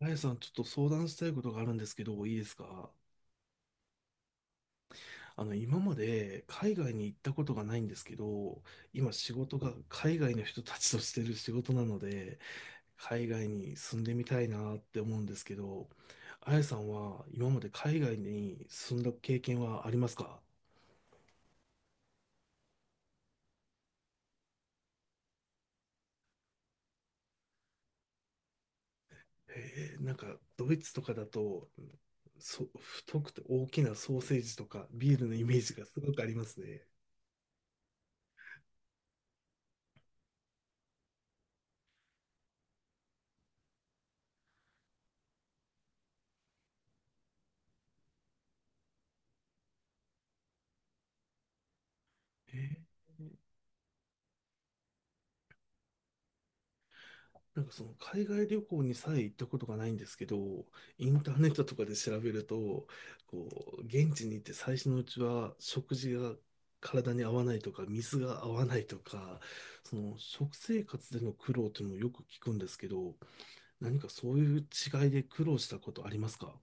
あやさん、ちょっと相談したいことがあるんですけど、いいですか？今まで海外に行ったことがないんですけど、今仕事が海外の人たちとしてる仕事なので、海外に住んでみたいなって思うんですけど、あやさんは今まで海外に住んだ経験はありますか？なんかドイツとかだと、太くて大きなソーセージとかビールのイメージがすごくありますね。えーなんかその海外旅行にさえ行ったことがないんですけど、インターネットとかで調べると、こ現地に行って最初のうちは食事が体に合わないとか、水が合わないとか、その食生活での苦労っていうのをよく聞くんですけど、何かそういう違いで苦労したことありますか？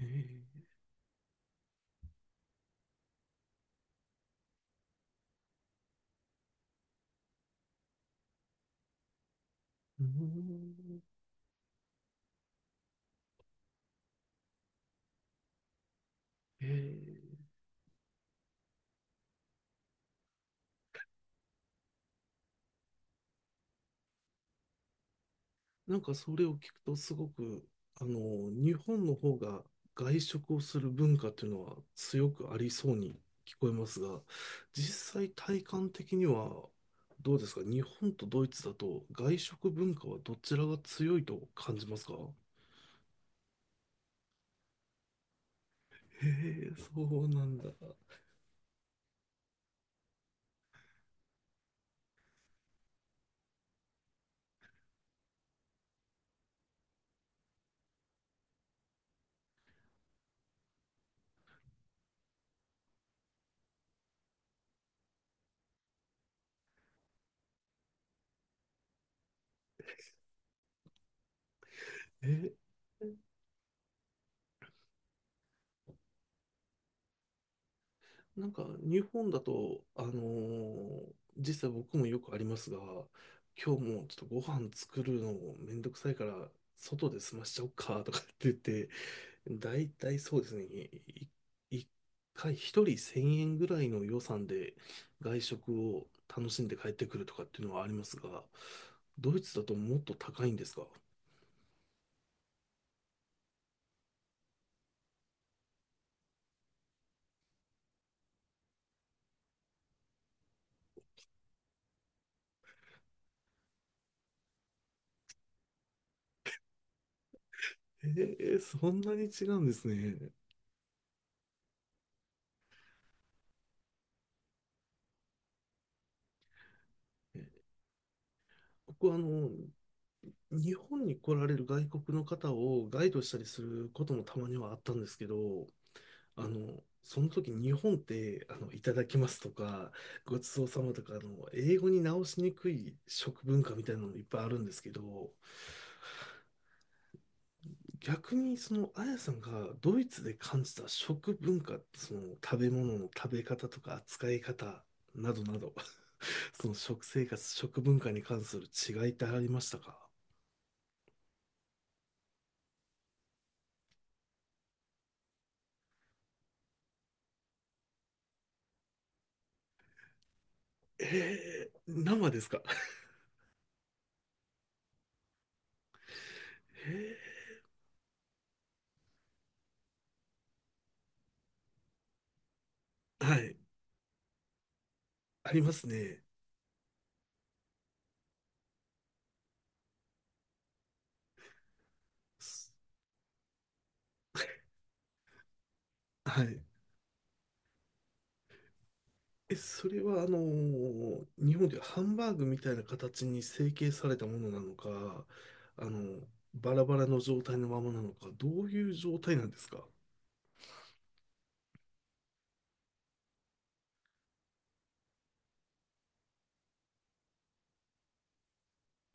えー。うーん。え。なんかそれを聞くとすごく、あの、日本の方が外食をする文化っていうのは強くありそうに聞こえますが、実際体感的にはどうですか？日本とドイツだと外食文化はどちらが強いと感じますか？へえ、そうなんだ。え。なんか日本だと、実際僕もよくありますが、今日もちょっとご飯作るのめんどくさいから、外で済ましちゃおうかとかって言って、だいたいそうですね、一回一人1000円ぐらいの予算で外食を楽しんで帰ってくるとかっていうのはありますが、ドイツだともっと高いんですか？えー、そんなに違うんですね。え。僕は日本に来られる外国の方をガイドしたりすることもたまにはあったんですけど、その時日本っていただきますとか、ごちそうさまとか、英語に直しにくい食文化みたいなのもいっぱいあるんですけど、逆にあやさんがドイツで感じた食文化、その食べ物の食べ方とか扱い方などなど、その食生活、食文化に関する違いってありましたか？えー、生ですか？はい。ありますね。すはい。え、それは、日本ではハンバーグみたいな形に成形されたものなのか、あの、バラバラの状態のままなのか、どういう状態なんですか？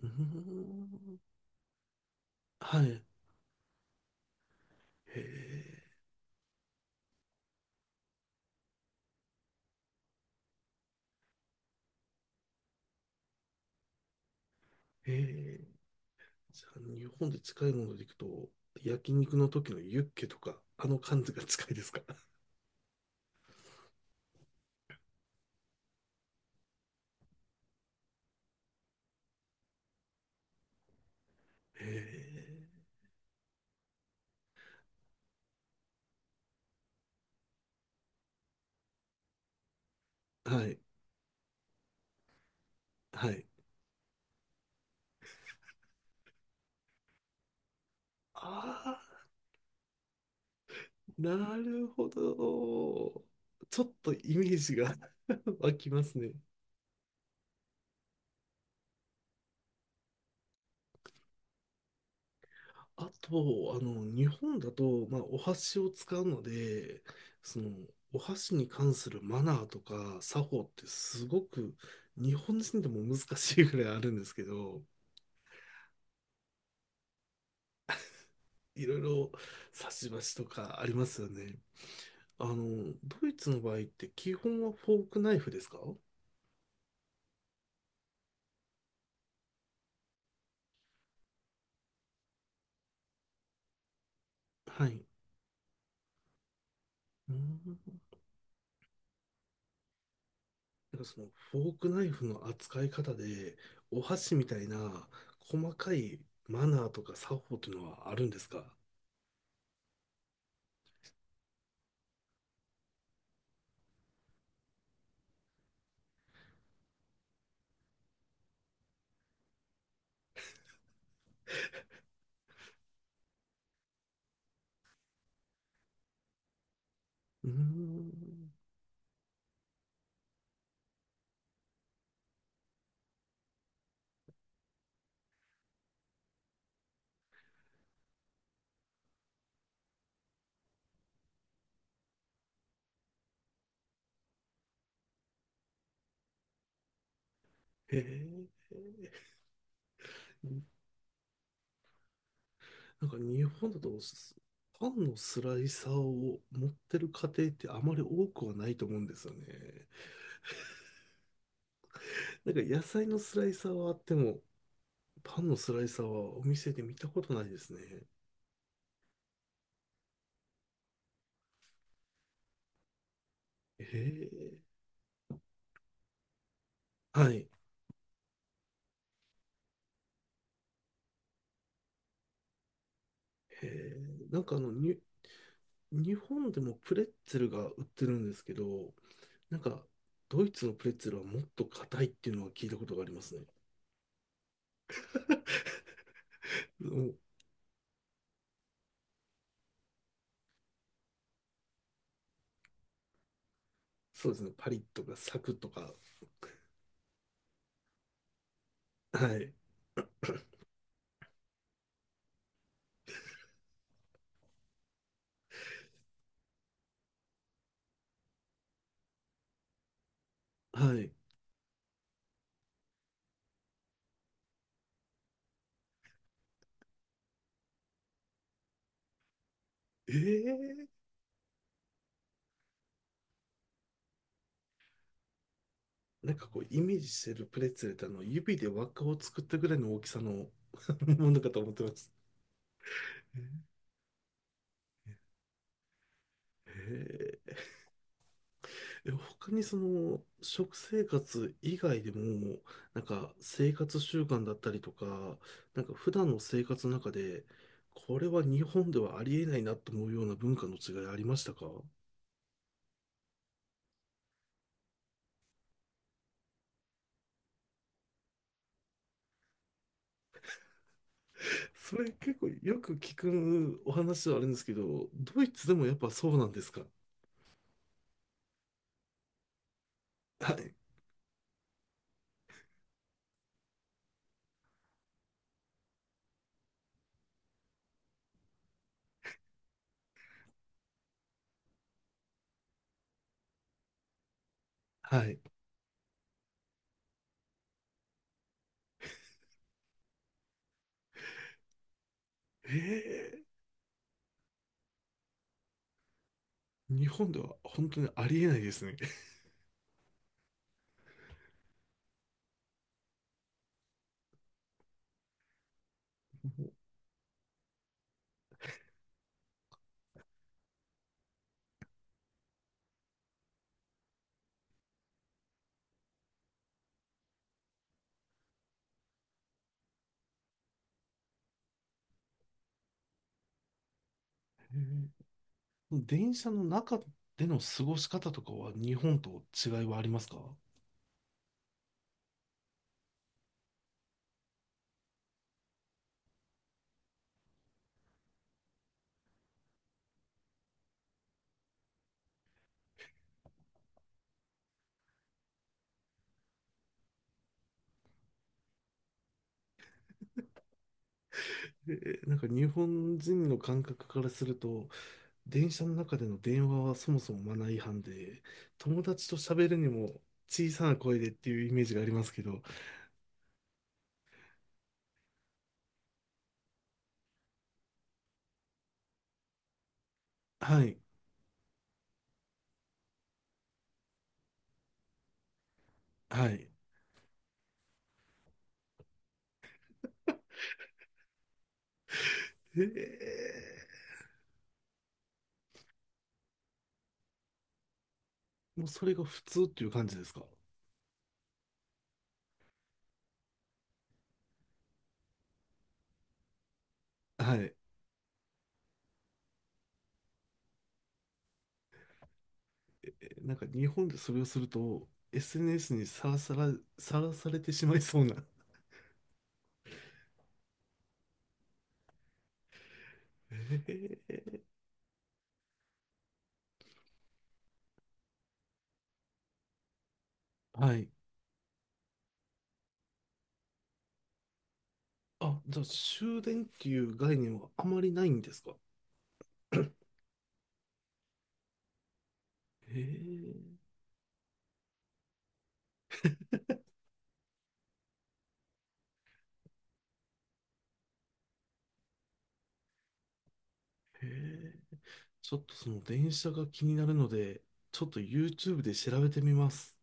うーん。はい。へえ。へえ。じゃあ、日本で近いものでいくと、焼肉の時のユッケとか、あの感じが近いですか？へえ。はい。はい。ああ。なるほど。ちょっとイメージが 湧きますね。あと、日本だと、まあ、お箸を使うので、その、お箸に関するマナーとか作法ってすごく日本人でも難しいぐらいあるんですけど、いろいろ差し箸とかありますよね。ドイツの場合って基本はフォークナイフですか？はい。うん。なんかそのフォークナイフの扱い方で、お箸みたいな細かいマナーとか作法というのはあるんですか？うーん。へえ。なんか日本だとパンのスライサーを持ってる家庭ってあまり多くはないと思うんですよね。なんか野菜のスライサーはあっても、パンのスライサーはお店で見たことないですね。へえ。はい。へえ。なんか日本でもプレッツェルが売ってるんですけど、なんか、ドイツのプレッツェルはもっと硬いっていうのは聞いたことがありますね。うん。そうですね、パリッとかサクとか。はい。はい。ええ。なんかこう、イメージしてるプレッツェルって指で輪っかを作ったぐらいの大きさの ものかと思ってます。えー。え、他にその、食生活以外でも、なんか生活習慣だったりとか、なんか普段の生活の中で、これは日本ではありえないなと思うような文化の違いありましたか？ それ結構よく聞くお話ではあるんですけど、ドイツでもやっぱそうなんですか？ はい。はい。えー、日本では本当にありえないですね。えー。電車の中での過ごし方とかは日本と違いはありますか？で、なんか日本人の感覚からすると、電車の中での電話はそもそもマナー違反で、友達と喋るにも小さな声でっていうイメージがありますけど、はい、はい。えー。もうそれが普通っていう感じですか？はい。え。なんか日本でそれをすると、SNS にさらされてしまいそうな。えー。はい。あ、じゃあ終電っていう概念はあまりないんですか？へえ、へえ。ちょっとその電車が気になるので、ちょっと YouTube で調べてみます。